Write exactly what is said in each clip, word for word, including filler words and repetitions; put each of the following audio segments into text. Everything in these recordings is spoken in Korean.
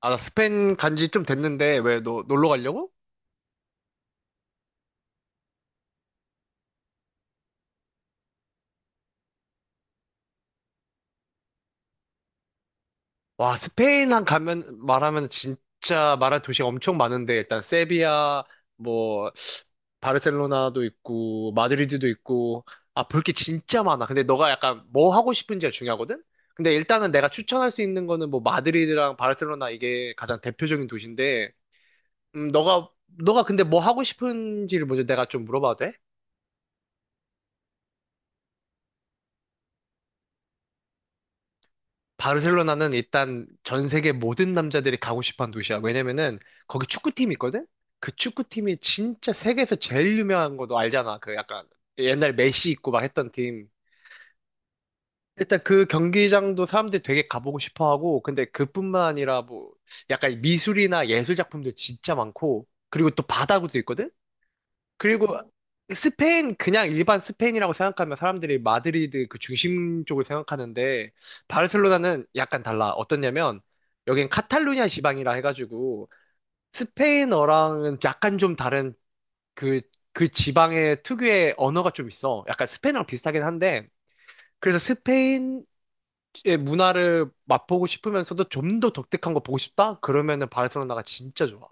아, 나 스페인 간지 좀 됐는데, 왜 너 놀러 가려고? 와, 스페인 한 가면, 말하면 진짜 말할 도시가 엄청 많은데, 일단 세비야, 뭐, 바르셀로나도 있고, 마드리드도 있고, 아, 볼 게 진짜 많아. 근데 너가 약간 뭐 하고 싶은지가 중요하거든? 근데 일단은 내가 추천할 수 있는 거는 뭐, 마드리드랑 바르셀로나 이게 가장 대표적인 도시인데, 음, 너가, 너가 근데 뭐 하고 싶은지를 먼저 내가 좀 물어봐도 돼? 바르셀로나는 일단 전 세계 모든 남자들이 가고 싶어 한 도시야. 왜냐면은 거기 축구팀이 있거든? 그 축구팀이 진짜 세계에서 제일 유명한 거 너 알잖아. 그 약간 옛날 메시 있고 막 했던 팀. 일단 그 경기장도 사람들이 되게 가보고 싶어 하고, 근데 그뿐만 아니라 뭐 약간 미술이나 예술 작품들 진짜 많고, 그리고 또 바다구도 있거든? 그리고 스페인 그냥 일반 스페인이라고 생각하면 사람들이 마드리드 그 중심 쪽을 생각하는데 바르셀로나는 약간 달라. 어떠냐면 여긴 카탈루냐 지방이라 해가지고 스페인어랑은 약간 좀 다른 그, 그 지방의 특유의 언어가 좀 있어. 약간 스페인어랑 비슷하긴 한데 그래서 스페인의 문화를 맛보고 싶으면서도 좀 더 독특한 거 보고 싶다? 그러면은 바르셀로나가 진짜 좋아.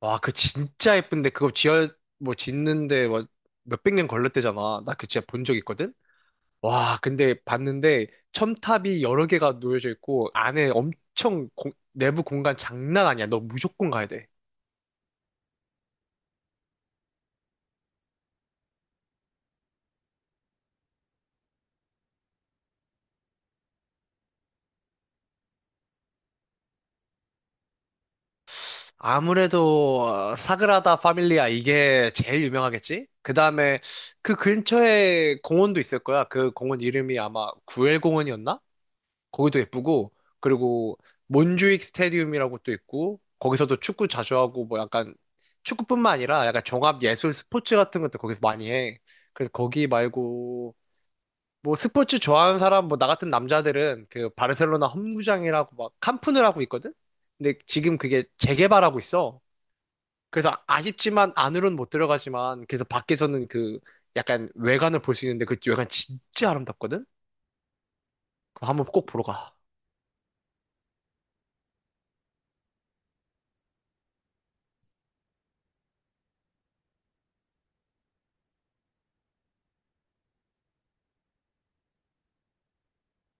와, 그 진짜 예쁜데 그거 지어 뭐 짓는데 뭐 몇백 년 걸렸대잖아. 나 그 진짜 본 적 있거든. 와, 근데 봤는데 첨탑이 여러 개가 놓여져 있고 안에 엄청 공- 내부 공간 장난 아니야. 너 무조건 가야 돼. 아무래도 어, 사그라다 파밀리아 이게 제일 유명하겠지? 그다음에 그 근처에 공원도 있을 거야. 그 공원 이름이 아마 구엘 공원이었나? 거기도 예쁘고 그리고 몬주익 스테디움이라고 또 있고 거기서도 축구 자주 하고 뭐 약간 축구뿐만 아니라 약간 종합 예술 스포츠 같은 것도 거기서 많이 해. 그래서 거기 말고 뭐 스포츠 좋아하는 사람 뭐 나 같은 남자들은 그 바르셀로나 홈구장이라고 막 캄프누라고 있거든. 근데 지금 그게 재개발하고 있어. 그래서 아쉽지만 안으로는 못 들어가지만 그래서 밖에서는 그 약간 외관을 볼 수 있는데 그 외관 진짜 아름답거든. 그거 한번 꼭 보러 가.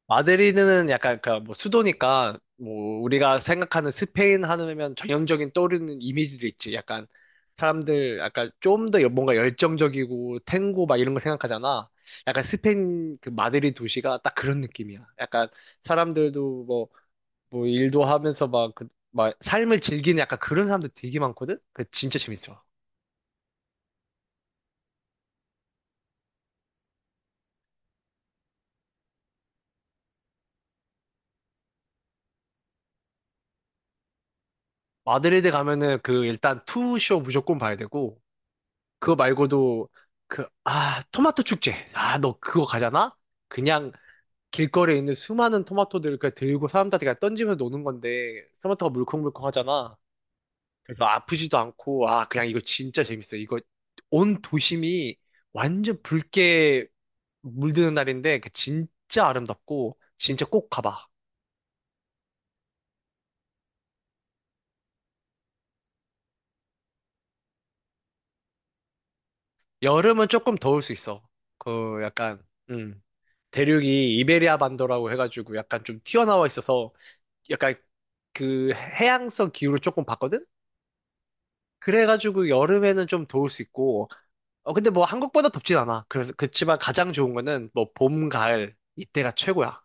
마드리드는 약간 그뭐 수도니까 뭐 우리가 생각하는 스페인 하면 전형적인 떠오르는 이미지들 있지. 약간 사람들 약간 좀 더 뭔가 열정적이고 탱고 막 이런 걸 생각하잖아. 약간 스페인 그 마드리드 도시가 딱 그런 느낌이야. 약간 사람들도 뭐 뭐 일도 하면서 막 그 막 삶을 즐기는 약간 그런 사람들 되게 많거든. 그 진짜 재밌어. 마드리드 가면은 그 일단 투쇼 무조건 봐야 되고 그거 말고도 그, 아, 토마토 축제. 아, 너 그거 가잖아? 그냥 길거리에 있는 수많은 토마토들을 그냥 들고 사람들한테 그냥 던지면서 노는 건데, 토마토가 물컹물컹하잖아. 그래서 아프지도 않고, 아, 그냥 이거 진짜 재밌어. 이거 온 도심이 완전 붉게 물드는 날인데, 그 진짜 아름답고, 진짜 꼭 가봐. 여름은 조금 더울 수 있어. 그 약간, 음. 대륙이 이베리아 반도라고 해가지고 약간 좀 튀어나와 있어서 약간 그 해양성 기후를 조금 봤거든? 그래가지고 여름에는 좀 더울 수 있고, 어, 근데 뭐 한국보다 덥진 않아. 그래서, 그치만 가장 좋은 거는 뭐 봄, 가을, 이때가 최고야.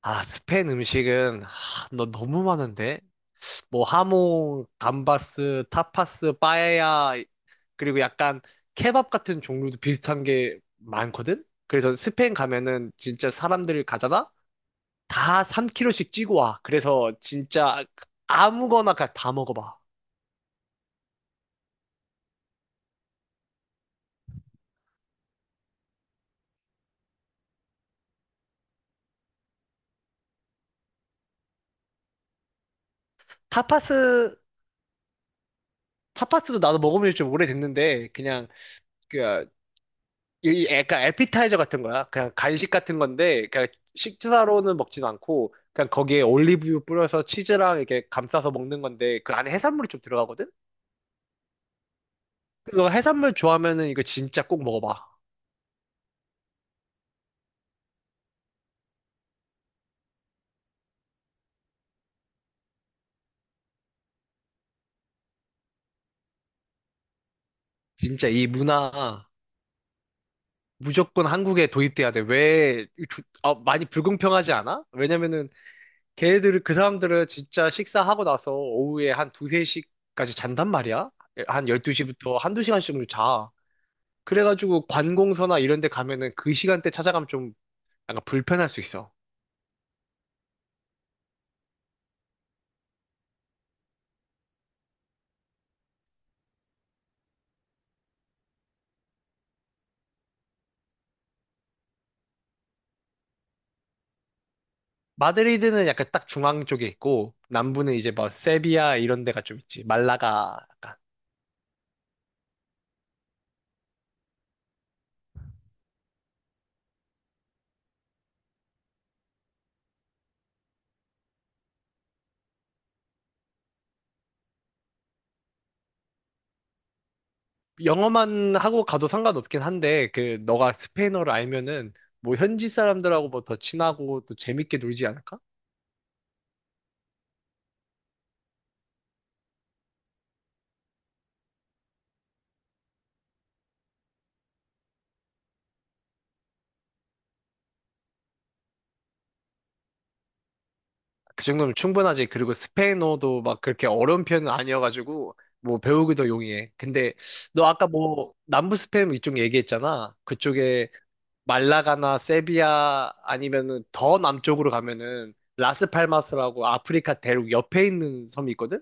아, 스페인 음식은, 아, 너 너무 많은데? 뭐 하모, 감바스, 타파스, 빠에야, 그리고 약간 케밥 같은 종류도 비슷한 게 많거든? 그래서 스페인 가면은 진짜 사람들이 가잖아? 다 삼 킬로그램씩 찌고 와. 그래서 진짜 아무거나 그냥 다 먹어봐. 타파스, 타파스도 나도 먹으면 좀 오래됐는데, 그냥, 그, 이 약간 에피타이저 같은 거야. 그냥 간식 같은 건데, 그냥 식사로는 먹진 않고, 그냥 거기에 올리브유 뿌려서 치즈랑 이렇게 감싸서 먹는 건데, 그 안에 해산물이 좀 들어가거든? 그래서 너 해산물 좋아하면은 이거 진짜 꼭 먹어봐. 진짜 이 문화 무조건 한국에 도입돼야 돼. 왜, 조- 어, 많이 불공평하지 않아? 왜냐면은 걔들, 그 사람들은 진짜 식사하고 나서 오후에 한 두세 시까지 잔단 말이야? 한 열두 시부터 한두 시간씩을 자. 그래가지고 관공서나 이런 데 가면은 그 시간대 찾아가면 좀 약간 불편할 수 있어. 마드리드는 약간 딱 중앙 쪽에 있고, 남부는 이제 뭐 세비야 이런 데가 좀 있지. 말라가 약간. 영어만 하고 가도 상관없긴 한데, 그, 너가 스페인어를 알면은 뭐 현지 사람들하고 뭐 더 친하고 또 재밌게 놀지 않을까? 그 정도면 충분하지. 그리고 스페인어도 막 그렇게 어려운 편은 아니어가지고, 뭐 배우기도 용이해. 근데 너 아까 뭐 남부 스페인 이쪽 얘기했잖아. 그쪽에 말라가나 세비야 아니면은 더 남쪽으로 가면은 라스팔마스라고 아프리카 대륙 옆에 있는 섬이 있거든?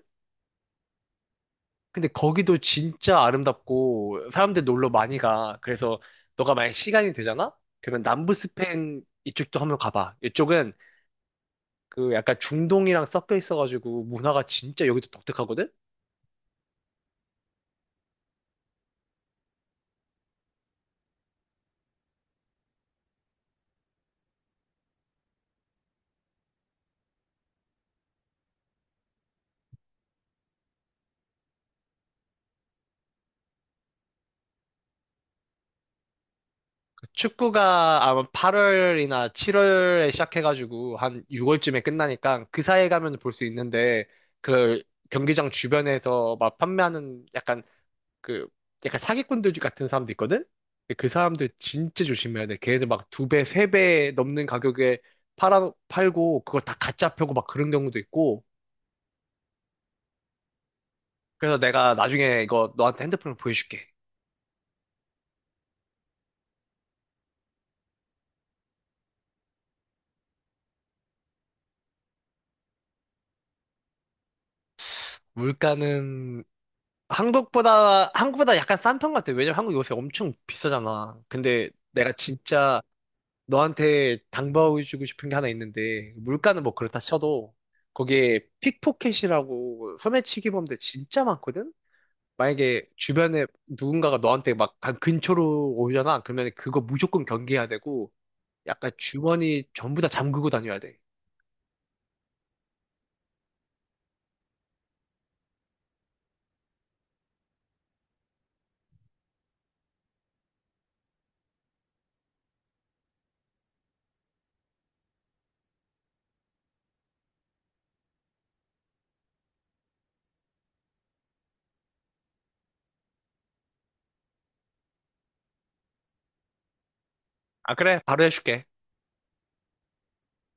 근데 거기도 진짜 아름답고 사람들 놀러 많이 가. 그래서 너가 만약 시간이 되잖아? 그러면 남부 스페인 이쪽도 한번 가봐. 이쪽은 그 약간 중동이랑 섞여 있어가지고 문화가 진짜 여기도 독특하거든? 그 축구가 아마 팔월이나 칠월에 시작해가지고 한 유월쯤에 끝나니까 그 사이에 가면 볼 수 있는데 그 경기장 주변에서 막 판매하는 약간 그 약간 사기꾼들 같은 사람도 있거든? 근데 그 사람들 진짜 조심해야 돼. 걔네들 막 두 배, 세 배 넘는 가격에 팔아, 팔고 그걸 다 가짜 펴고 막 그런 경우도 있고 그래서 내가 나중에 이거 너한테 핸드폰을 보여줄게. 물가는 한국보다, 한국보다 약간 싼 편 같아. 왜냐면 한국 요새 엄청 비싸잖아. 근데 내가 진짜 너한테 당부해주고 싶은 게 하나 있는데, 물가는 뭐 그렇다 쳐도, 거기에 픽포켓이라고 소매치기 범죄 진짜 많거든? 만약에 주변에 누군가가 너한테 막 근처로 오잖아. 그러면 그거 무조건 경계해야 되고, 약간 주머니 전부 다 잠그고 다녀야 돼. 아, 그래. 바로 해줄게.